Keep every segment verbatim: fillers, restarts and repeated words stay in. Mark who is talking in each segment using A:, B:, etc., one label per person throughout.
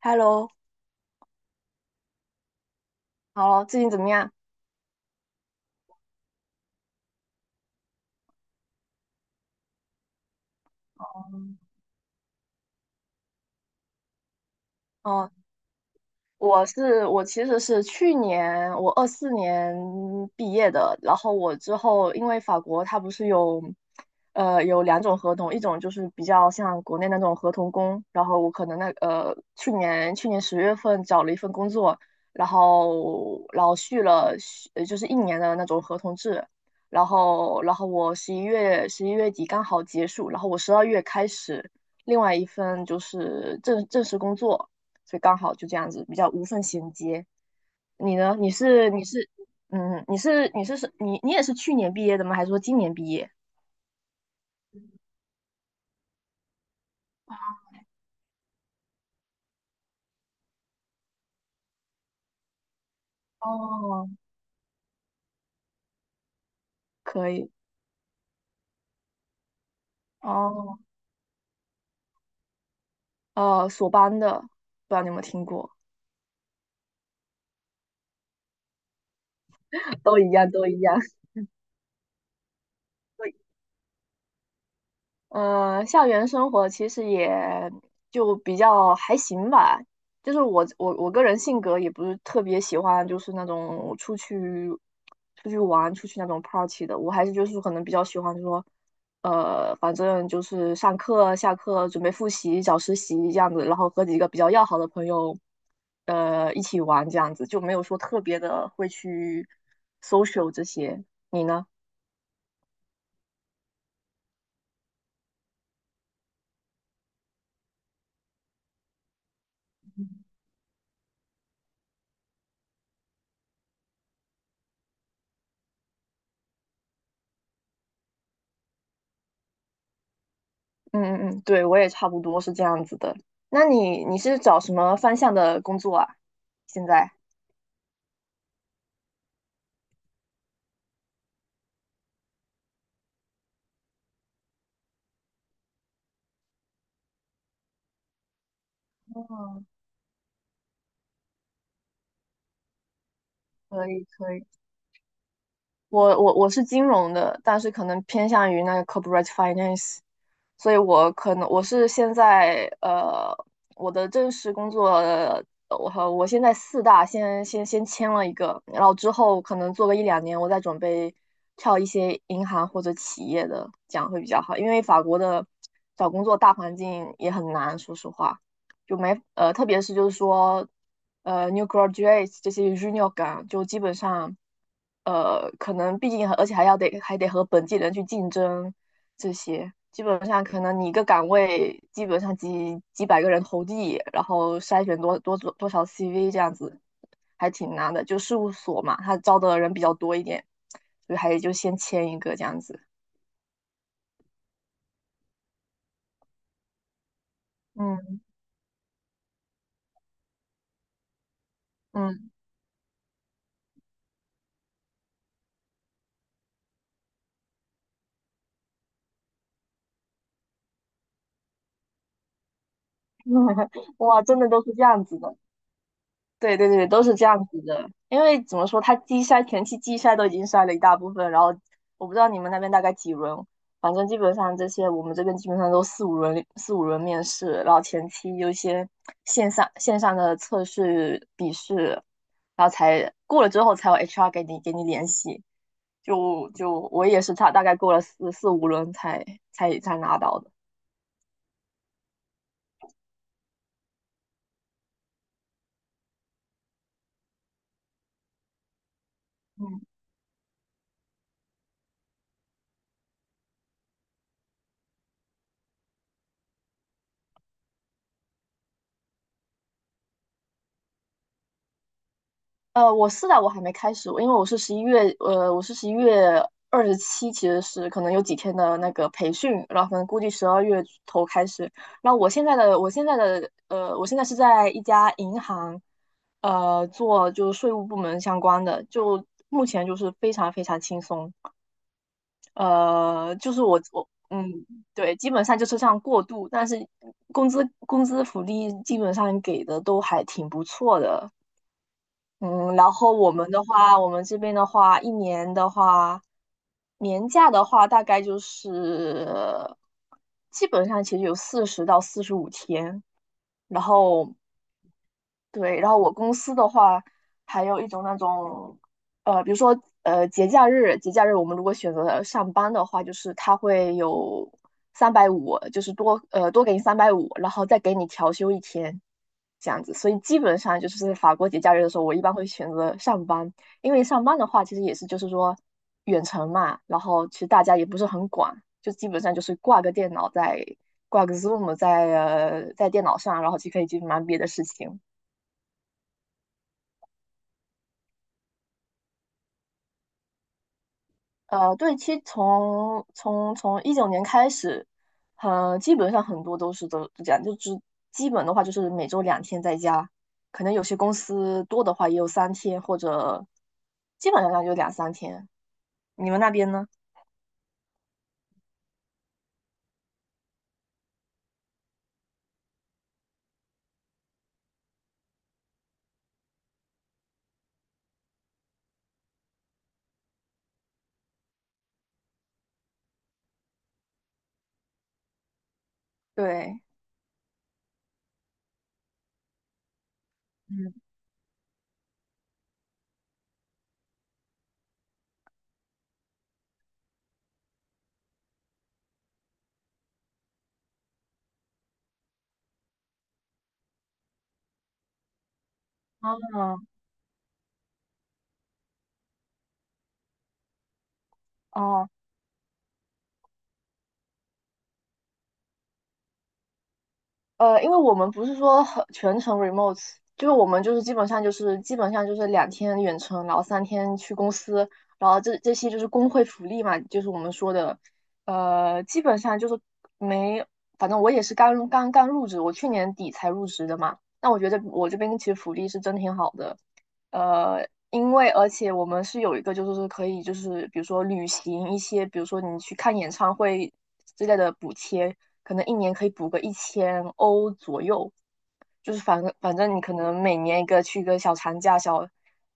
A: Hello，好了，最近怎么样？哦、我是我其实是去年我二四年毕业的，然后我之后因为法国它不是有，呃有两种合同，一种就是比较像国内那种合同工，然后我可能那呃去年去年十月份找了一份工作，然后老续了续呃就是一年的那种合同制，然后然后我十一月十一月底刚好结束，然后我十二月开始另外一份就是正正式工作。所以刚好就这样子比较无缝衔接。你呢？你是你是嗯，你是你是是你你也是去年毕业的吗？还是说今年毕业？哦，可以哦哦，呃，索邦的，不知道你有没有听过，都一样，都一样。嗯，呃校园生活其实也就比较还行吧，就是我我我个人性格也不是特别喜欢，就是那种出去出去玩、出去那种 party 的，我还是就是可能比较喜欢说，呃，反正就是上课、下课准备复习、找实习这样子，然后和几个比较要好的朋友，呃，一起玩这样子，就没有说特别的会去 social 这些。你呢？嗯嗯嗯，对，我也差不多是这样子的。那你你是找什么方向的工作啊？现在？嗯，可以可以。我我我是金融的，但是可能偏向于那个 corporate finance，所以我可能我是现在呃我的正式工作，呃我和我现在四大先先先签了一个，然后之后可能做个一两年，我再准备跳一些银行或者企业的，这样会比较好，因为法国的找工作大环境也很难，说实话。就没呃，特别是就是说，呃，new graduates 这些 junior 岗，就基本上，呃，可能毕竟而且还要得还得和本地人去竞争，这些基本上可能你一个岗位基本上几几百个人投递，然后筛选多多多少 C V 这样子，还挺难的。就事务所嘛，他招的人比较多一点，所以还得就先签一个这样子。嗯嗯，哇，真的都是这样子的。对对对，都是这样子的。因为怎么说，它季筛前期季筛都已经筛了一大部分，然后我不知道你们那边大概几轮，反正基本上这些我们这边基本上都四五轮四五轮面试，然后前期有一些线上线上的测试笔试，然后才过了之后才有 H R 给你给你联系。就就我也是差大概过了四四五轮才才才拿到的。嗯呃，我是的，我还没开始，因为我是十一月，呃，我是十一月二十七，其实是可能有几天的那个培训，然后可能估计十二月头开始。然后我现在的，我现在的，呃，我现在是在一家银行，呃，做就是税务部门相关的，就目前就是非常非常轻松，呃，就是我我嗯，对，基本上就是这样过渡，但是工资工资福利基本上给的都还挺不错的，嗯，然后我们的话，我们这边的话，一年的话，年假的话，大概就是基本上其实有四十到四十五天，然后对，然后我公司的话，还有一种那种，呃，比如说呃节假日，节假日我们如果选择了上班的话，就是他会有三百五，就是多呃多给你三百五，然后再给你调休一天，这样子。所以基本上就是在法国节假日的时候，我一般会选择上班，因为上班的话其实也是就是说远程嘛，然后其实大家也不是很管，就基本上就是挂个电脑在挂个 Zoom 在呃在电脑上，然后就可以去忙别的事情。呃，对，其实从从从一九年开始，呃，基本上很多都是都这样，就只基本的话就是每周两天在家，可能有些公司多的话也有三天，或者基本上就两三天。你们那边呢？对，嗯。哦哦、呃，因为我们不是说很全程 remote，就是我们就是基本上就是基本上就是两天远程，然后三天去公司，然后这这些就是工会福利嘛，就是我们说的，呃，基本上就是没，反正我也是刚刚刚入职，我去年底才入职的嘛，那我觉得我这边其实福利是真挺好的，呃，因为而且我们是有一个，就是说可以，就是比如说旅行一些，比如说你去看演唱会之类的补贴，可能一年可以补个一千欧左右，就是反正反正你可能每年一个去个小长假、小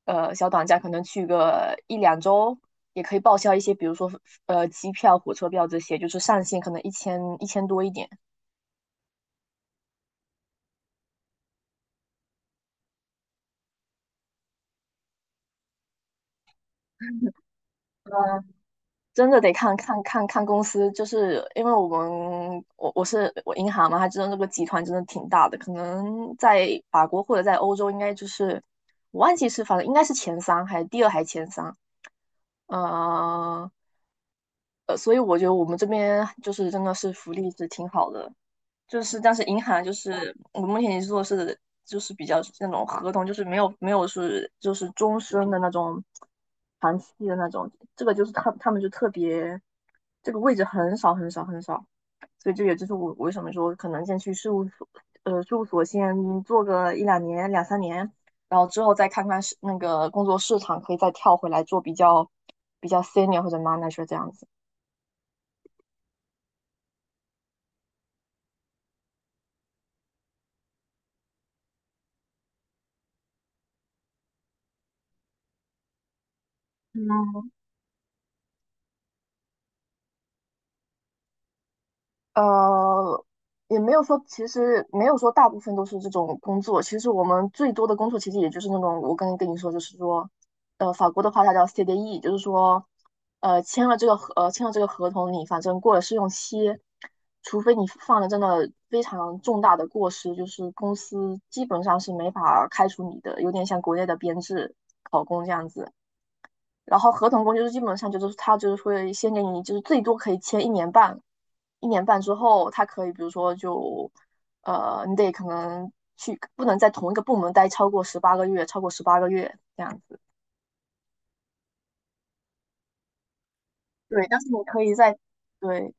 A: 呃小短假，可能去个一两周，也可以报销一些，比如说呃机票、火车票这些，就是上限可能一千一千多一点。真的得看看看看公司，就是因为我们我我是我银行嘛，它真的那个集团真的挺大的，可能在法国或者在欧洲应该就是我忘记是反正应该是前三还第二还前三，呃呃，所以我觉得我们这边就是真的是福利是挺好的，就是但是银行就是我目前也做的是就是比较那种合同，就是没有没有是就是终身的那种长期的那种，这个就是他他们就特别这个位置很少很少很少，所以这也就是我为什么说可能先去事务所呃事务所先做个一两年两三年，然后之后再看看是那个工作市场，可以再跳回来做比较比较 senior 或者 manager 这样子。嗯。呃，也没有说，其实没有说大部分都是这种工作。其实我们最多的工作，其实也就是那种我刚才跟你说，就是说，呃，法国的话它叫 C D E，就是说，呃，签了这个合，呃，签了这个合同，你反正过了试用期，除非你犯了真的非常重大的过失，就是公司基本上是没法开除你的，有点像国内的编制考公这样子。然后合同工就是基本上就是他就是会先给你就是最多可以签一年半，一年半之后，他可以比如说就呃，你得可能去不能在同一个部门待超过十八个月，超过十八个月这样子。对，但是你可以在对，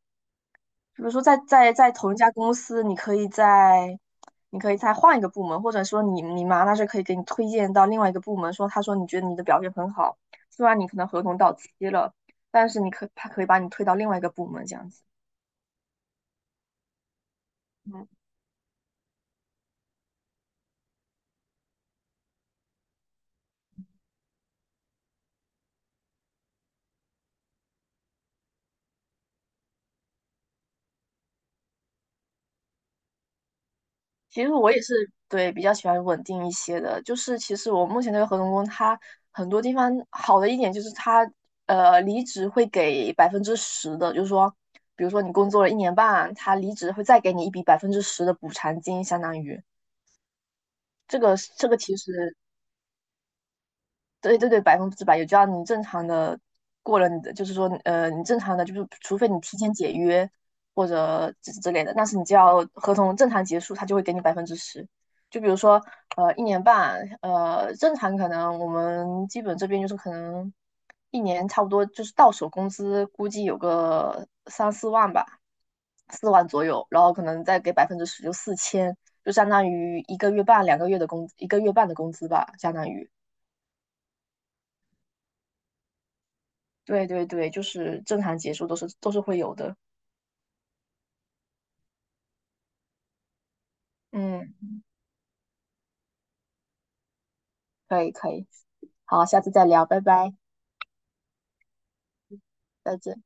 A: 比如说在在在同一家公司，你可以在你可以再换一个部门，或者说你你妈那是可以给你推荐到另外一个部门，说他说你觉得你的表现很好，虽然你可能合同到期了，但是你可他可以把你推到另外一个部门这样子。嗯，其实我也是，对，比较喜欢稳定一些的，就是其实我目前这个合同工，他很多地方好的一点就是他呃离职会给百分之十的，就是说，比如说你工作了一年半，他离职会再给你一笔百分之十的补偿金，相当于这个这个其实对对对，百分之百有，只要你正常的过了你的，就是说，呃，你正常的，就是除非你提前解约或者之之类的，但是你只要合同正常结束，他就会给你百分之十。就比如说，呃，一年半，呃，正常可能我们基本这边就是可能一年差不多就是到手工资估计有个三四万吧，四万左右，然后可能再给百分之十，就四千，就相当于一个月半、两个月的工，一个月半的工资吧，相当于。对对对，就是正常结束都是都是会有的。嗯，可以可以，好，下次再聊，拜拜，再见。